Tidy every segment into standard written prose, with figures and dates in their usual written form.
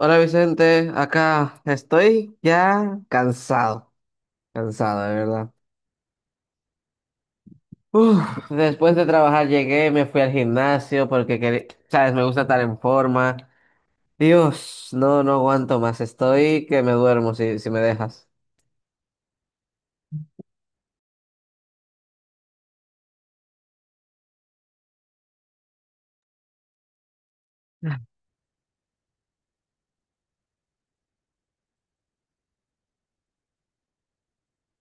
Hola Vicente, acá estoy ya cansado, cansado de verdad. Uf, después de trabajar llegué, me fui al gimnasio porque, sabes, me gusta estar en forma. Dios, no, no aguanto más, estoy que me duermo si me dejas.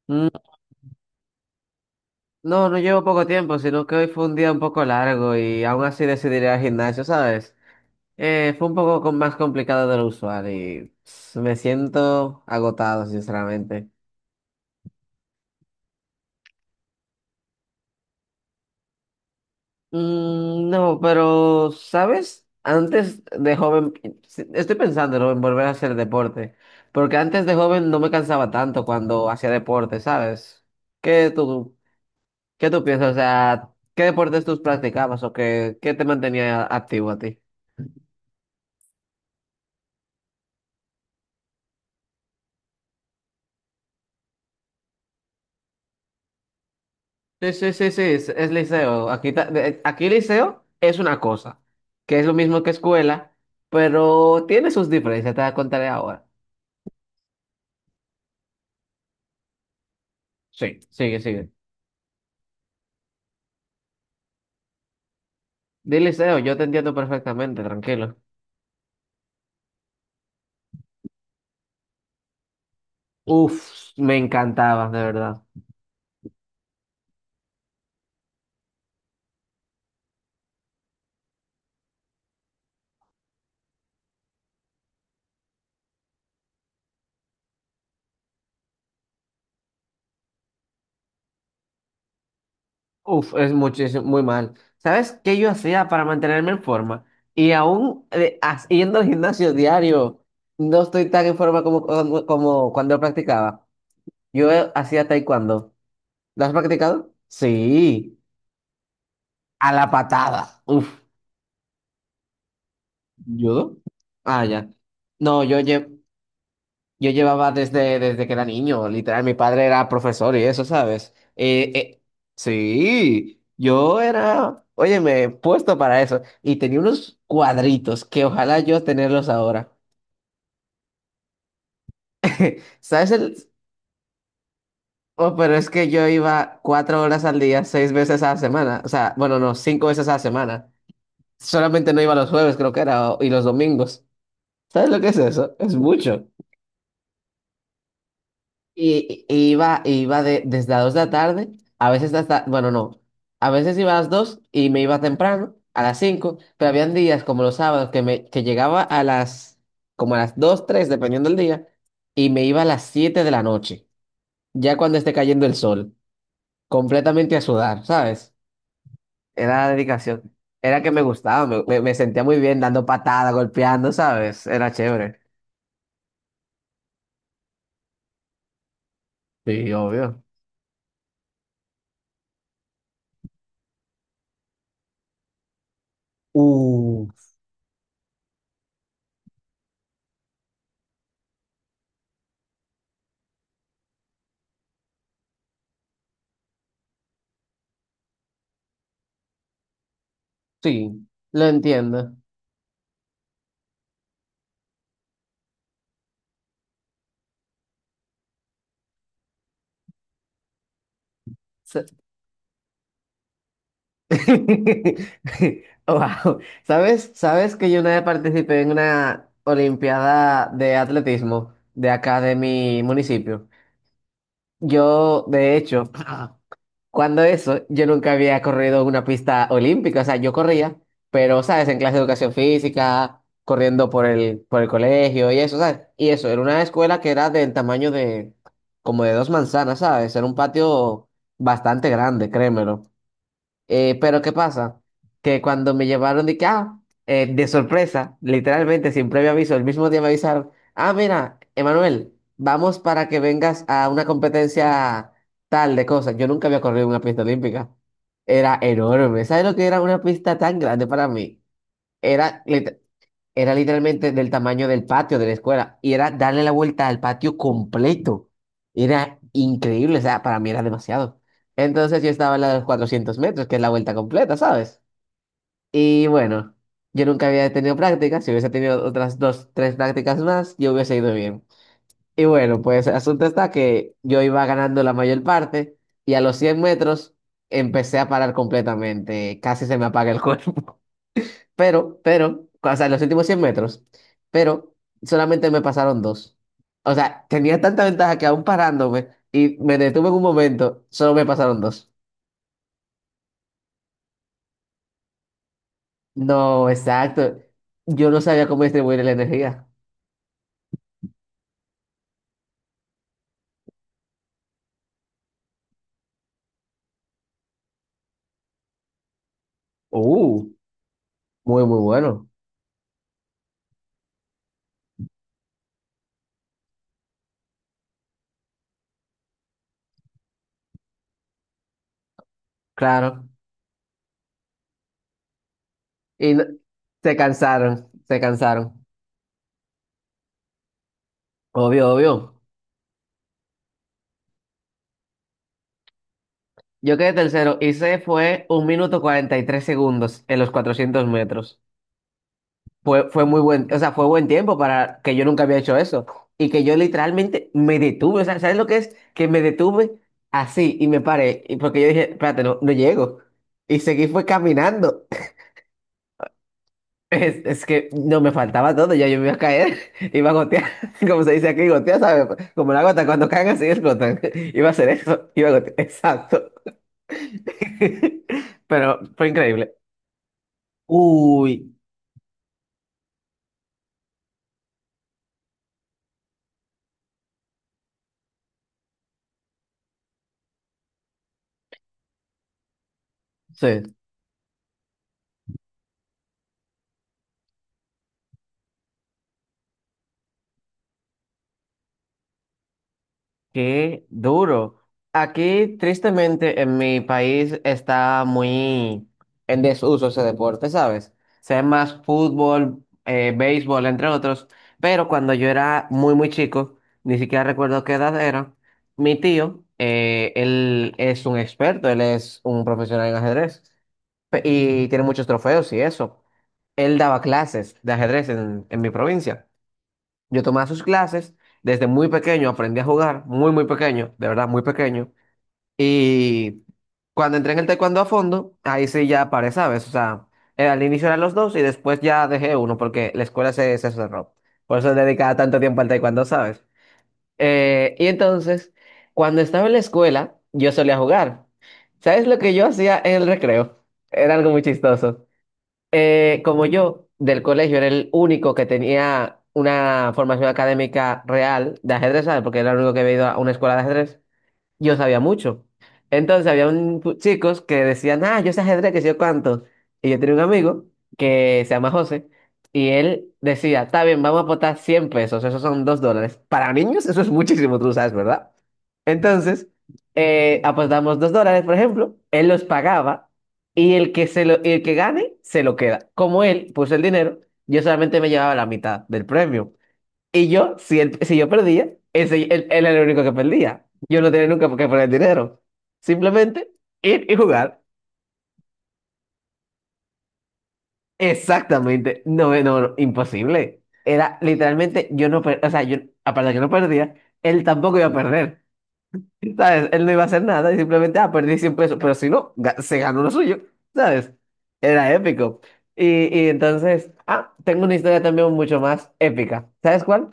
Mm, No, no llevo poco tiempo, sino que hoy fue un día un poco largo y aún así decidí ir al gimnasio, ¿sabes? Fue un poco más complicado de lo usual y me siento agotado, sinceramente. No, pero, ¿sabes? Antes de joven, sí, estoy pensándolo en volver a hacer deporte, porque antes de joven no me cansaba tanto cuando hacía deporte, ¿sabes? ¿Qué tú, qué tú piensas? O sea, ¿qué deportes tú practicabas o qué te mantenía activo a ti? Sí, sí, sí, sí, es liceo. Aquí, aquí liceo es una cosa, que es lo mismo que escuela, pero tiene sus diferencias, te las contaré ahora. Sí, sigue, sigue. Di liceo, yo te entiendo perfectamente, tranquilo. Uf, me encantaba, de verdad. Uf, es muchísimo, muy mal. ¿Sabes qué yo hacía para mantenerme en forma? Y aún haciendo el gimnasio diario, no estoy tan en forma como cuando practicaba. Yo hacía taekwondo. ¿Lo has practicado? Sí, a la patada. Uf, ¿judo? Ah, ya. No, yo llevo. Yo llevaba desde que era niño, literal, mi padre era profesor y eso, ¿sabes? Sí, yo era, oye, me he puesto para eso y tenía unos cuadritos que ojalá yo tenerlos ahora. ¿Sabes el...? Oh, pero es que yo iba 4 horas al día, seis veces a la semana, o sea, bueno, no, cinco veces a la semana. Solamente no iba los jueves, creo que era, y los domingos. ¿Sabes lo que es eso? Es mucho. Y iba desde las 2 de la tarde, a veces hasta, bueno, no, a veces iba a las 2 y me iba temprano, a las 5 pero habían días como los sábados que llegaba como a las 2 3 dependiendo del día, y me iba a las 7 de la noche, ya cuando esté cayendo el sol, completamente a sudar, ¿sabes? Era dedicación, era que me gustaba, me sentía muy bien dando patadas, golpeando, ¿sabes? Era chévere. Sí, obvio. Uh, sí, lo entiendo. Wow. ¿Sabes? ¿Sabes que yo una vez participé en una olimpiada de atletismo de acá de mi municipio? Yo, de hecho, cuando eso, yo nunca había corrido una pista olímpica, o sea, yo corría, pero, ¿sabes? En clase de educación física, corriendo por el colegio y eso, ¿sabes? Y eso, era una escuela que era del tamaño de, como de dos manzanas, ¿sabes? Era un patio bastante grande, créemelo. Pero ¿qué pasa? Que cuando me llevaron de que, ah, de sorpresa, literalmente sin previo aviso, el mismo día me avisaron, ah, mira, Emanuel, vamos para que vengas a una competencia tal de cosas. Yo nunca había corrido en una pista olímpica. Era enorme. ¿Sabes lo que era una pista tan grande para mí? Era, lit- era literalmente del tamaño del patio de la escuela y era darle la vuelta al patio completo. Era increíble, o sea, para mí era demasiado. Entonces yo estaba en la de los 400 metros, que es la vuelta completa, ¿sabes? Y bueno, yo nunca había tenido prácticas, si hubiese tenido otras dos, tres prácticas más, yo hubiese ido bien. Y bueno, pues el asunto está que yo iba ganando la mayor parte y a los 100 metros empecé a parar completamente, casi se me apaga el cuerpo. O sea, los últimos 100 metros, pero solamente me pasaron dos. O sea, tenía tanta ventaja que aún parándome y me detuve en un momento, solo me pasaron dos. No, exacto. Yo no sabía cómo distribuir la energía. Uh, muy, muy bueno. Claro. Y se cansaron, se cansaron. Obvio, obvio. Yo quedé tercero y se fue 1 minuto 43 segundos en los 400 metros. Fue muy buen, o sea, fue buen tiempo para que yo nunca había hecho eso y que yo literalmente me detuve, o sea, ¿sabes lo que es? Que me detuve así y me paré, y porque yo dije, espérate, no, no llego. Y seguí fue caminando. Es que no me faltaba todo, ya yo me iba a caer, iba a gotear, como se dice aquí, gotear, ¿sabes? Como la gota, cuando caen así explotan. Iba a hacer eso, iba a gotear, exacto. Pero fue increíble. Uy, sí. Qué duro. Aquí, tristemente, en mi país está muy en desuso ese deporte, ¿sabes? Se ve más fútbol, béisbol, entre otros. Pero cuando yo era muy, muy chico, ni siquiera recuerdo qué edad era, mi tío, él es un experto, él es un profesional en ajedrez y tiene muchos trofeos y eso. Él daba clases de ajedrez en mi provincia. Yo tomaba sus clases, desde muy pequeño aprendí a jugar, muy, muy pequeño, de verdad, muy pequeño. Y cuando entré en el taekwondo a fondo, ahí sí ya paré, ¿sabes? O sea, al inicio eran los dos y después ya dejé uno porque la escuela se cerró. Por eso dedicaba tanto tiempo al taekwondo, ¿sabes? Y entonces, cuando estaba en la escuela, yo solía jugar. ¿Sabes lo que yo hacía en el recreo? Era algo muy chistoso. Como yo del colegio era el único que tenía una formación académica real de ajedrez, ¿sabes? Porque era el único que había ido a una escuela de ajedrez yo sabía mucho. Entonces había un chicos que decían, ah, yo sé ajedrez, que sé yo cuánto. Y yo tenía un amigo que se llama José, y él decía, está bien, vamos a aportar 100 pesos, esos son $2. Para niños eso es muchísimo, tú lo sabes, ¿verdad? Entonces, apostamos $2, por ejemplo, él los pagaba, y el que, se lo, y el que gane se lo queda. Como él puso el dinero, yo solamente me llevaba la mitad del premio. Y yo, si, si yo perdía, ese, él era el único que perdía. Yo no tenía nunca por qué poner dinero. Simplemente ir y jugar. Exactamente. No, no, no, imposible. Era literalmente, yo no, o sea, yo, aparte de que no perdía, él tampoco iba a perder. ¿Sabes? Él no iba a hacer nada y simplemente, ah, perdí 100 pesos. Pero si no, se ganó lo suyo. ¿Sabes? Era épico. Y, y entonces, ah, tengo una historia también mucho más épica. ¿Sabes cuál?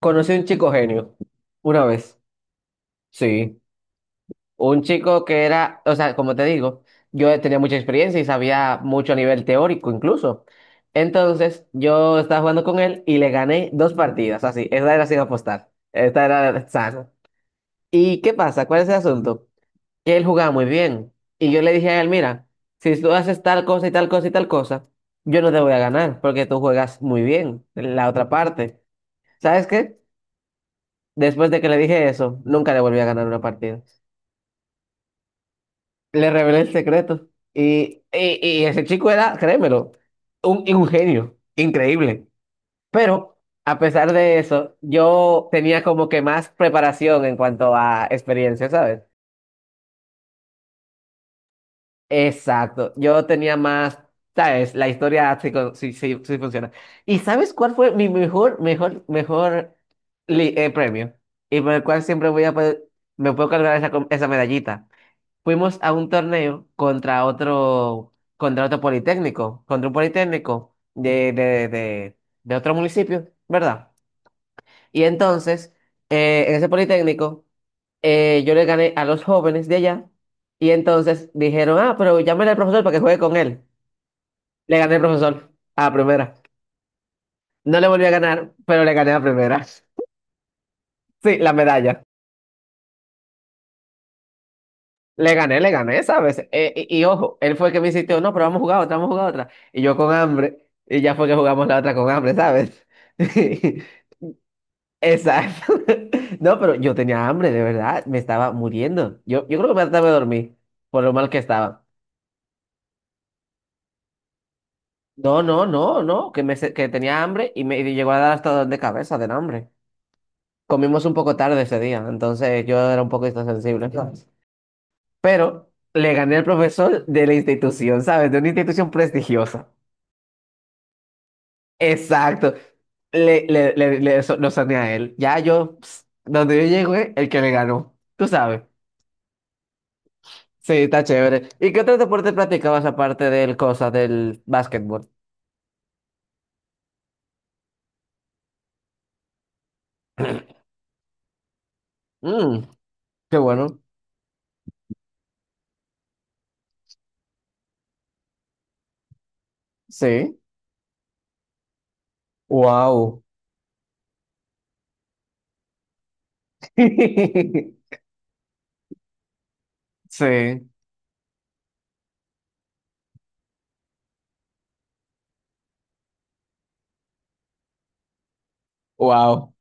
Conocí a un chico genio. Una vez. Sí. Un chico que era, o sea, como te digo, yo tenía mucha experiencia y sabía mucho a nivel teórico incluso. Entonces, yo estaba jugando con él y le gané dos partidas, así, esta era sin apostar, esta era sana. ¿Y qué pasa? ¿Cuál es el asunto? Que él jugaba muy bien y yo le dije a él, mira, si tú haces tal cosa y tal cosa y tal cosa, yo no te voy a ganar porque tú juegas muy bien en la otra parte. ¿Sabes qué? Después de que le dije eso, nunca le volví a ganar una partida. Le revelé el secreto. Y ese chico era, créemelo, un genio, increíble. Pero a pesar de eso, yo tenía como que más preparación en cuanto a experiencia, ¿sabes? Exacto, yo tenía más, ¿sabes? La historia sí, sí, sí, sí funciona. ¿Y sabes cuál fue mi mejor, mejor, mejor premio? Y por el cual siempre voy a poder, me puedo cargar esa, esa medallita. Fuimos a un torneo contra otro politécnico, contra un politécnico de otro municipio, ¿verdad? Y entonces, en ese politécnico, yo le gané a los jóvenes de allá, y entonces dijeron, ah, pero llámale al profesor para que juegue con él. Le gané al profesor a la primera. No le volví a ganar, pero le gané a la primera. Sí, la medalla. Le gané, ¿sabes? Y ojo, él fue el que me insistió, no, pero vamos a jugar otra, vamos a jugar otra. Y yo con hambre, y ya fue que jugamos la otra con hambre, ¿sabes? Exacto. No, pero yo tenía hambre, de verdad, me estaba muriendo. Yo creo que me trataba de dormir, por lo mal que estaba. No, no, no, no, que, que tenía hambre y me y llegó a dar hasta dolor de cabeza del hambre. Comimos un poco tarde ese día, entonces yo era un poco insensible, ¿sabes? Pero le gané al profesor de la institución, ¿sabes? De una institución prestigiosa. Exacto. Lo sané a él. Ya yo, donde yo llego, el que me ganó. Tú sabes. Sí, está chévere. ¿Y qué otro deporte practicabas aparte del cosa del básquetbol? Mm, qué bueno. Sí. Wow. Sí. Wow.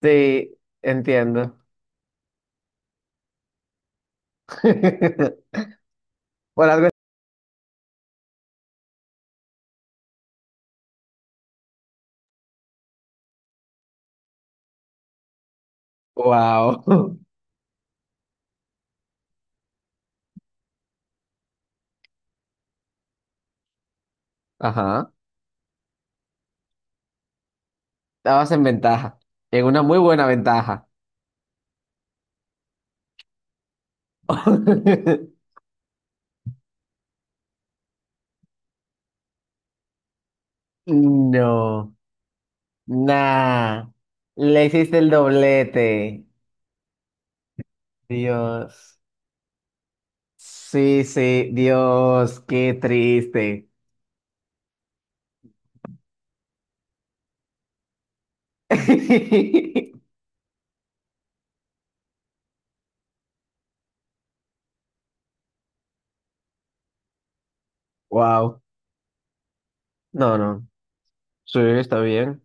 Sí, entiendo. Por algo. Wow. Ajá. Estabas en ventaja. En una muy buena ventaja. No. Nah, le hiciste el doblete. Dios. Sí, sí, Dios, qué triste. Wow. No, no. Sí, está bien.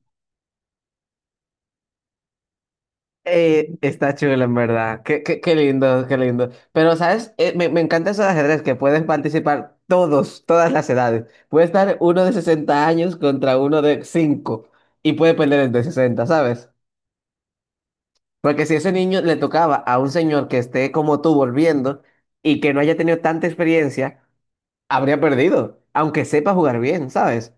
Está chulo, en verdad. Qué, qué, qué lindo, qué lindo. Pero, ¿sabes? Me encanta eso de ajedrez, que pueden participar todos, todas las edades. Puede estar uno de 60 años contra uno de 5 y puede perder el de 60, ¿sabes? Porque si ese niño le tocaba a un señor que esté como tú volviendo y que no haya tenido tanta experiencia, habría perdido, aunque sepa jugar bien, ¿sabes?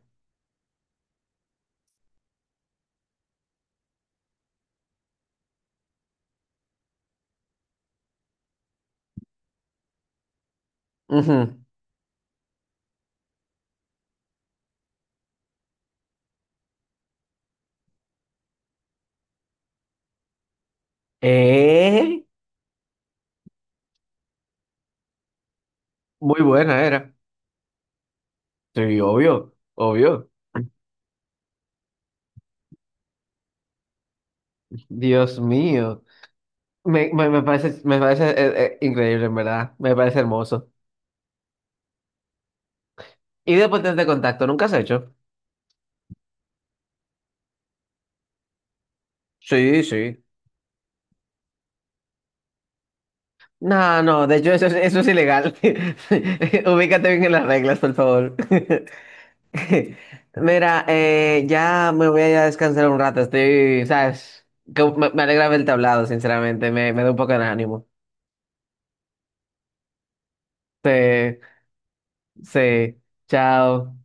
Ujú. Eh, muy buena era. Sí, obvio, obvio. Dios mío. Me parece, me parece increíble, en verdad. Me parece hermoso. ¿Y deportes de este contacto nunca has hecho? Sí, sí. No, no, de hecho eso, eso es ilegal. Ubícate bien en las reglas, por favor. Mira, ya me voy a ir a descansar un rato. Estoy, ¿sabes? Que me alegra haberte hablado, sinceramente. Me da un poco de ánimo. Sí, sí. Chao.